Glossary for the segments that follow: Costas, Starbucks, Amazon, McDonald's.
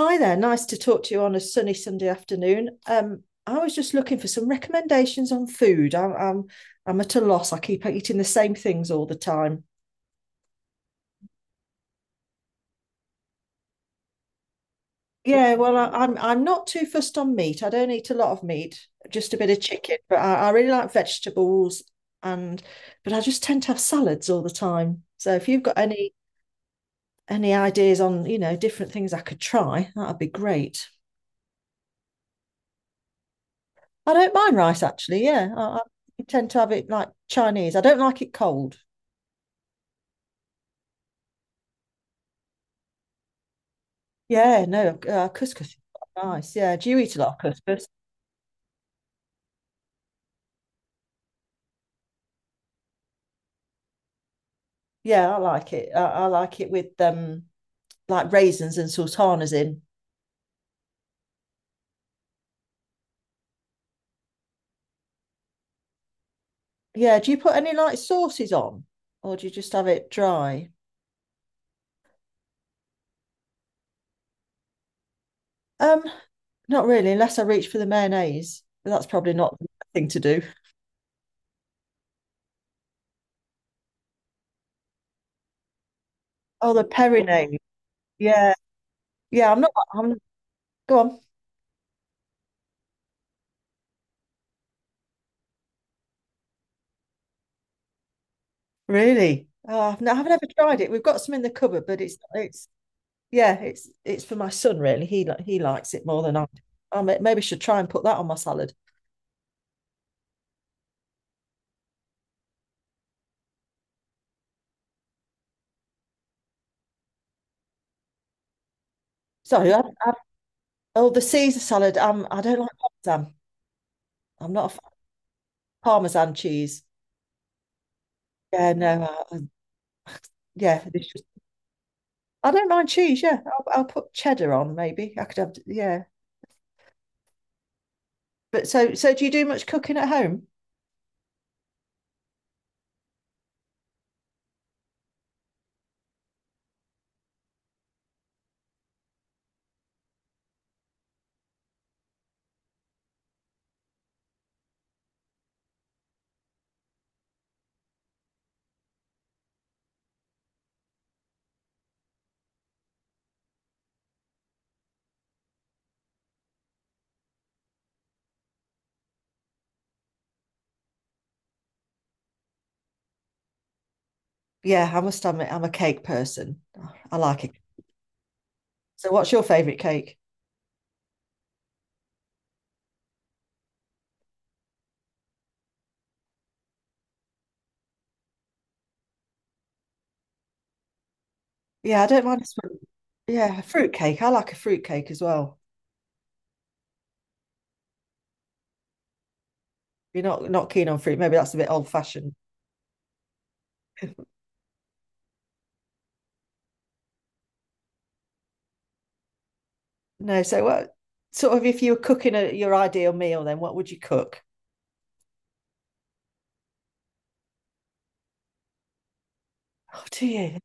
Hi there, nice to talk to you on a sunny Sunday afternoon. I was just looking for some recommendations on food. I'm at a loss. I keep eating the same things all the time. Yeah, well, I'm not too fussed on meat. I don't eat a lot of meat, just a bit of chicken. But I really like vegetables, and but I just tend to have salads all the time. So if you've got any ideas on different things I could try, that'd be great. I don't mind rice actually. Yeah, I tend to have it like Chinese. I don't like it cold. Yeah, no, couscous is quite nice. Yeah, do you eat a lot of couscous? Yeah, I like it. I like it with like raisins and sultanas in. Yeah, do you put any like sauces on, or do you just have it dry? Um, not really, unless I reach for the mayonnaise. That's probably not the thing to do. Oh, the perinade. Yeah, yeah. I'm not. I'm. Go on. Really? Oh, I haven't ever tried it. We've got some in the cupboard, but it's yeah, it's for my son really. He likes it more than I do. I maybe should try and put that on my salad. So I, I, oh, the Caesar salad. I don't like parmesan. I'm not a fan of parmesan cheese. Yeah, no. I, yeah, I don't mind cheese. Yeah, I'll put cheddar on maybe. I could have. Yeah, but so do you do much cooking at home? Yeah, I must admit I'm a cake person. I like it. So what's your favorite cake? Yeah, I don't mind. Yeah, a fruit cake. I like a fruit cake as well. You're not keen on fruit, maybe that's a bit old fashioned. No, so what sort of if you were your ideal meal, then what would you cook? Oh, do you?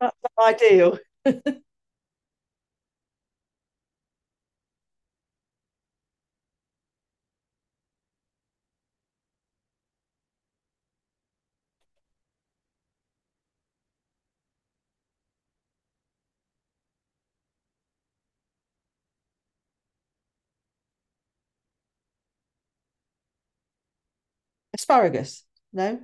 That's not ideal. Asparagus? No,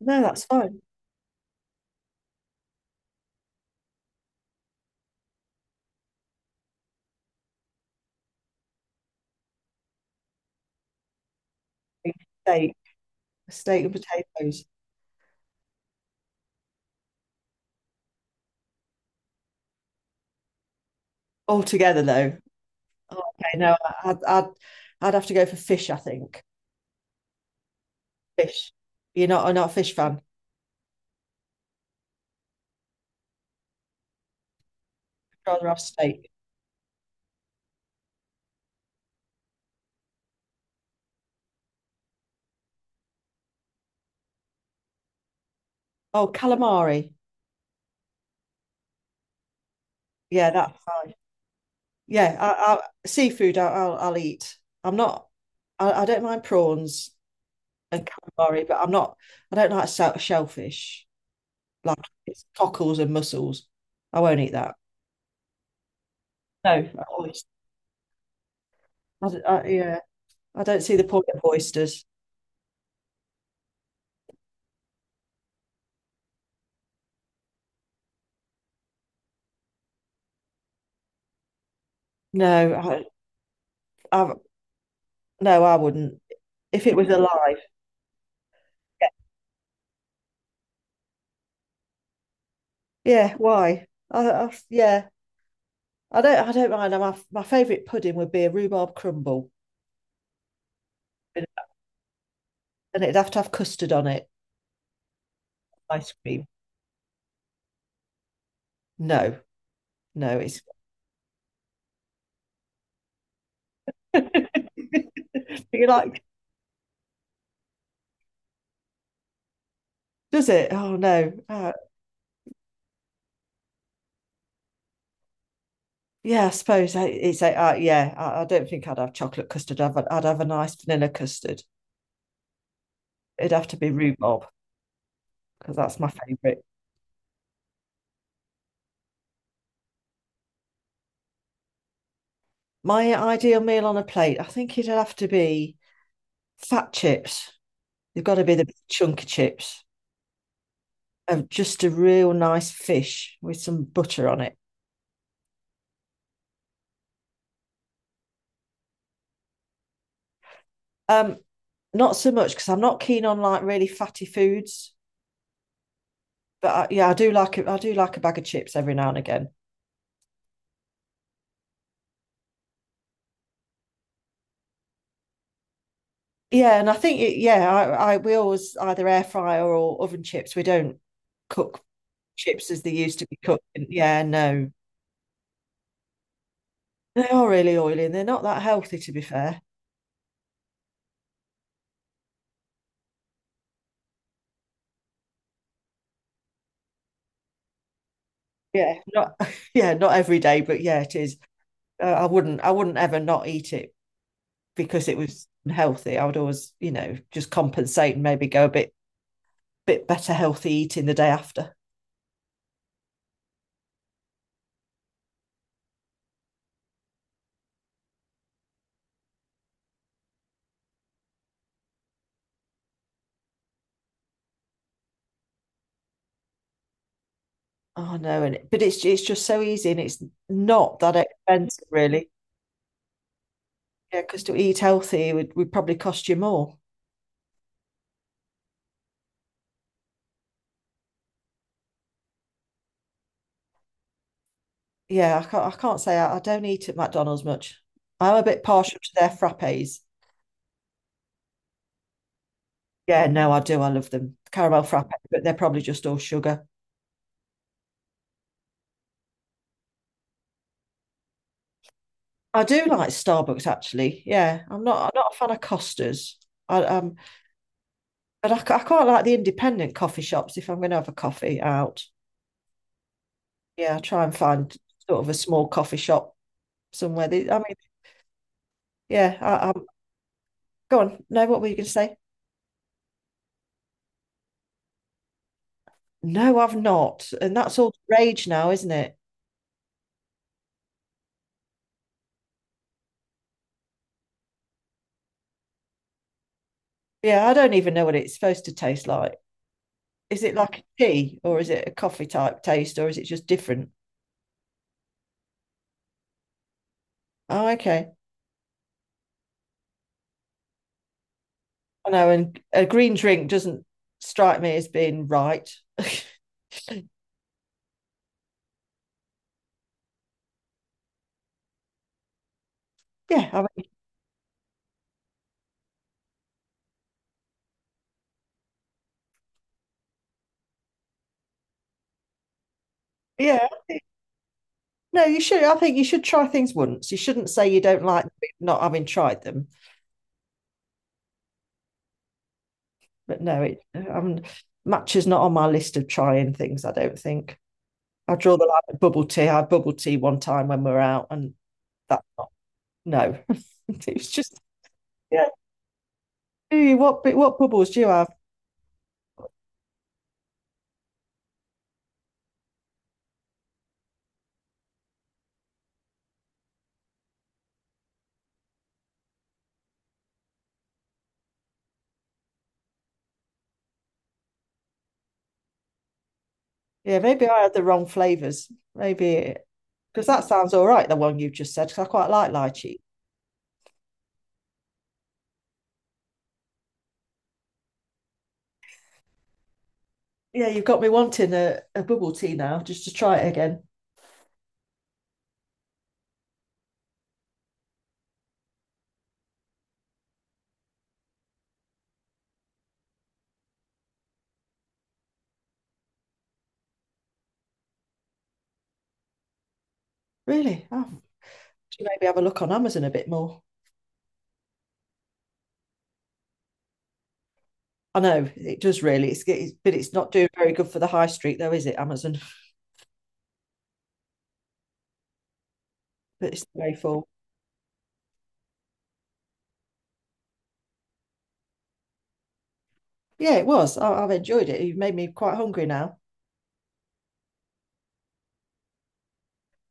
no, that's fine. Steak, steak and potatoes all together though. Okay, no, I'd, I'd I'd have to go for fish. I think fish. You're not I'm not a fish fan. I'd rather have steak. Oh, calamari. Yeah, that's fine. Yeah, seafood. I'll eat. I'm not. I don't mind prawns. And calamari, but I don't like shellfish. Like it's cockles and mussels. I won't eat that. No, I always- yeah, I don't see the point of oysters. No, I, no, I wouldn't. If it was alive, yeah. Yeah, why? Yeah, I don't mind. My favourite pudding would be a rhubarb crumble, and it'd have to have custard on it. Ice cream. No, no, it's. You like, does it? Oh no, oh, yeah, I suppose yeah. I don't think I'd have chocolate custard. I'd have a nice vanilla custard. It'd have to be rhubarb because that's my favourite. My ideal meal on a plate, I think it'd have to be fat chips. They've got to be the big chunky chips of just a real nice fish with some butter on it. Um, not so much because I'm not keen on like really fatty foods, but yeah, I do like it. I do like a bag of chips every now and again. Yeah, and yeah, I we always either air fryer or oven chips. We don't cook chips as they used to be cooked. And yeah, no, they are really oily and they're not that healthy, to be fair. Yeah, not yeah, not every day, but yeah, it is. I wouldn't ever not eat it because it was unhealthy. I would always, you know, just compensate and maybe go a bit better healthy eating the day after. Oh no, and it's just so easy and it's not that expensive really. Yeah, because to eat would probably cost you more. Yeah, I can't say I don't eat at McDonald's much. I'm a bit partial to their frappes. Yeah, no, I do. I love them. Caramel frappe, but they're probably just all sugar. I do like Starbucks actually. Yeah, I'm not. I'm not a fan of Costas. I but I quite like the independent coffee shops if I'm going to have a coffee out. Yeah, I try and find sort of a small coffee shop somewhere. I mean, yeah. I'm go on. No, what were you going to say? No, I've not. And that's all the rage now, isn't it? Yeah, I don't even know what it's supposed to taste like. Is it like a tea or is it a coffee type taste or is it just different? Oh, okay. I know, and a green drink doesn't strike me as being right. yeah, I mean, yeah. No, you should. I think you should try things once. You shouldn't say you don't like not having tried them. But no, it matcha's not on my list of trying things. I don't think I draw the line at bubble tea. I had bubble tea one time when we were out, and that's not no. it was just yeah. Do you what? What bubbles do you have? Yeah, maybe I had the wrong flavors. Maybe because that sounds all right, the one you just said, because I quite like lychee. Yeah, you've got me wanting a bubble tea now just to try it again. Really? Oh, should maybe have a look on Amazon a bit more. I know it does really. It's but it's not doing very good for the high street though, is it, Amazon? But it's the way full. Yeah, it was. I've enjoyed it. You've made me quite hungry now.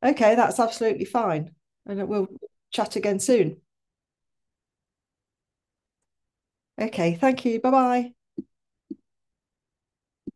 Okay, that's absolutely fine. And we'll chat again soon. Okay, thank you. Bye bye.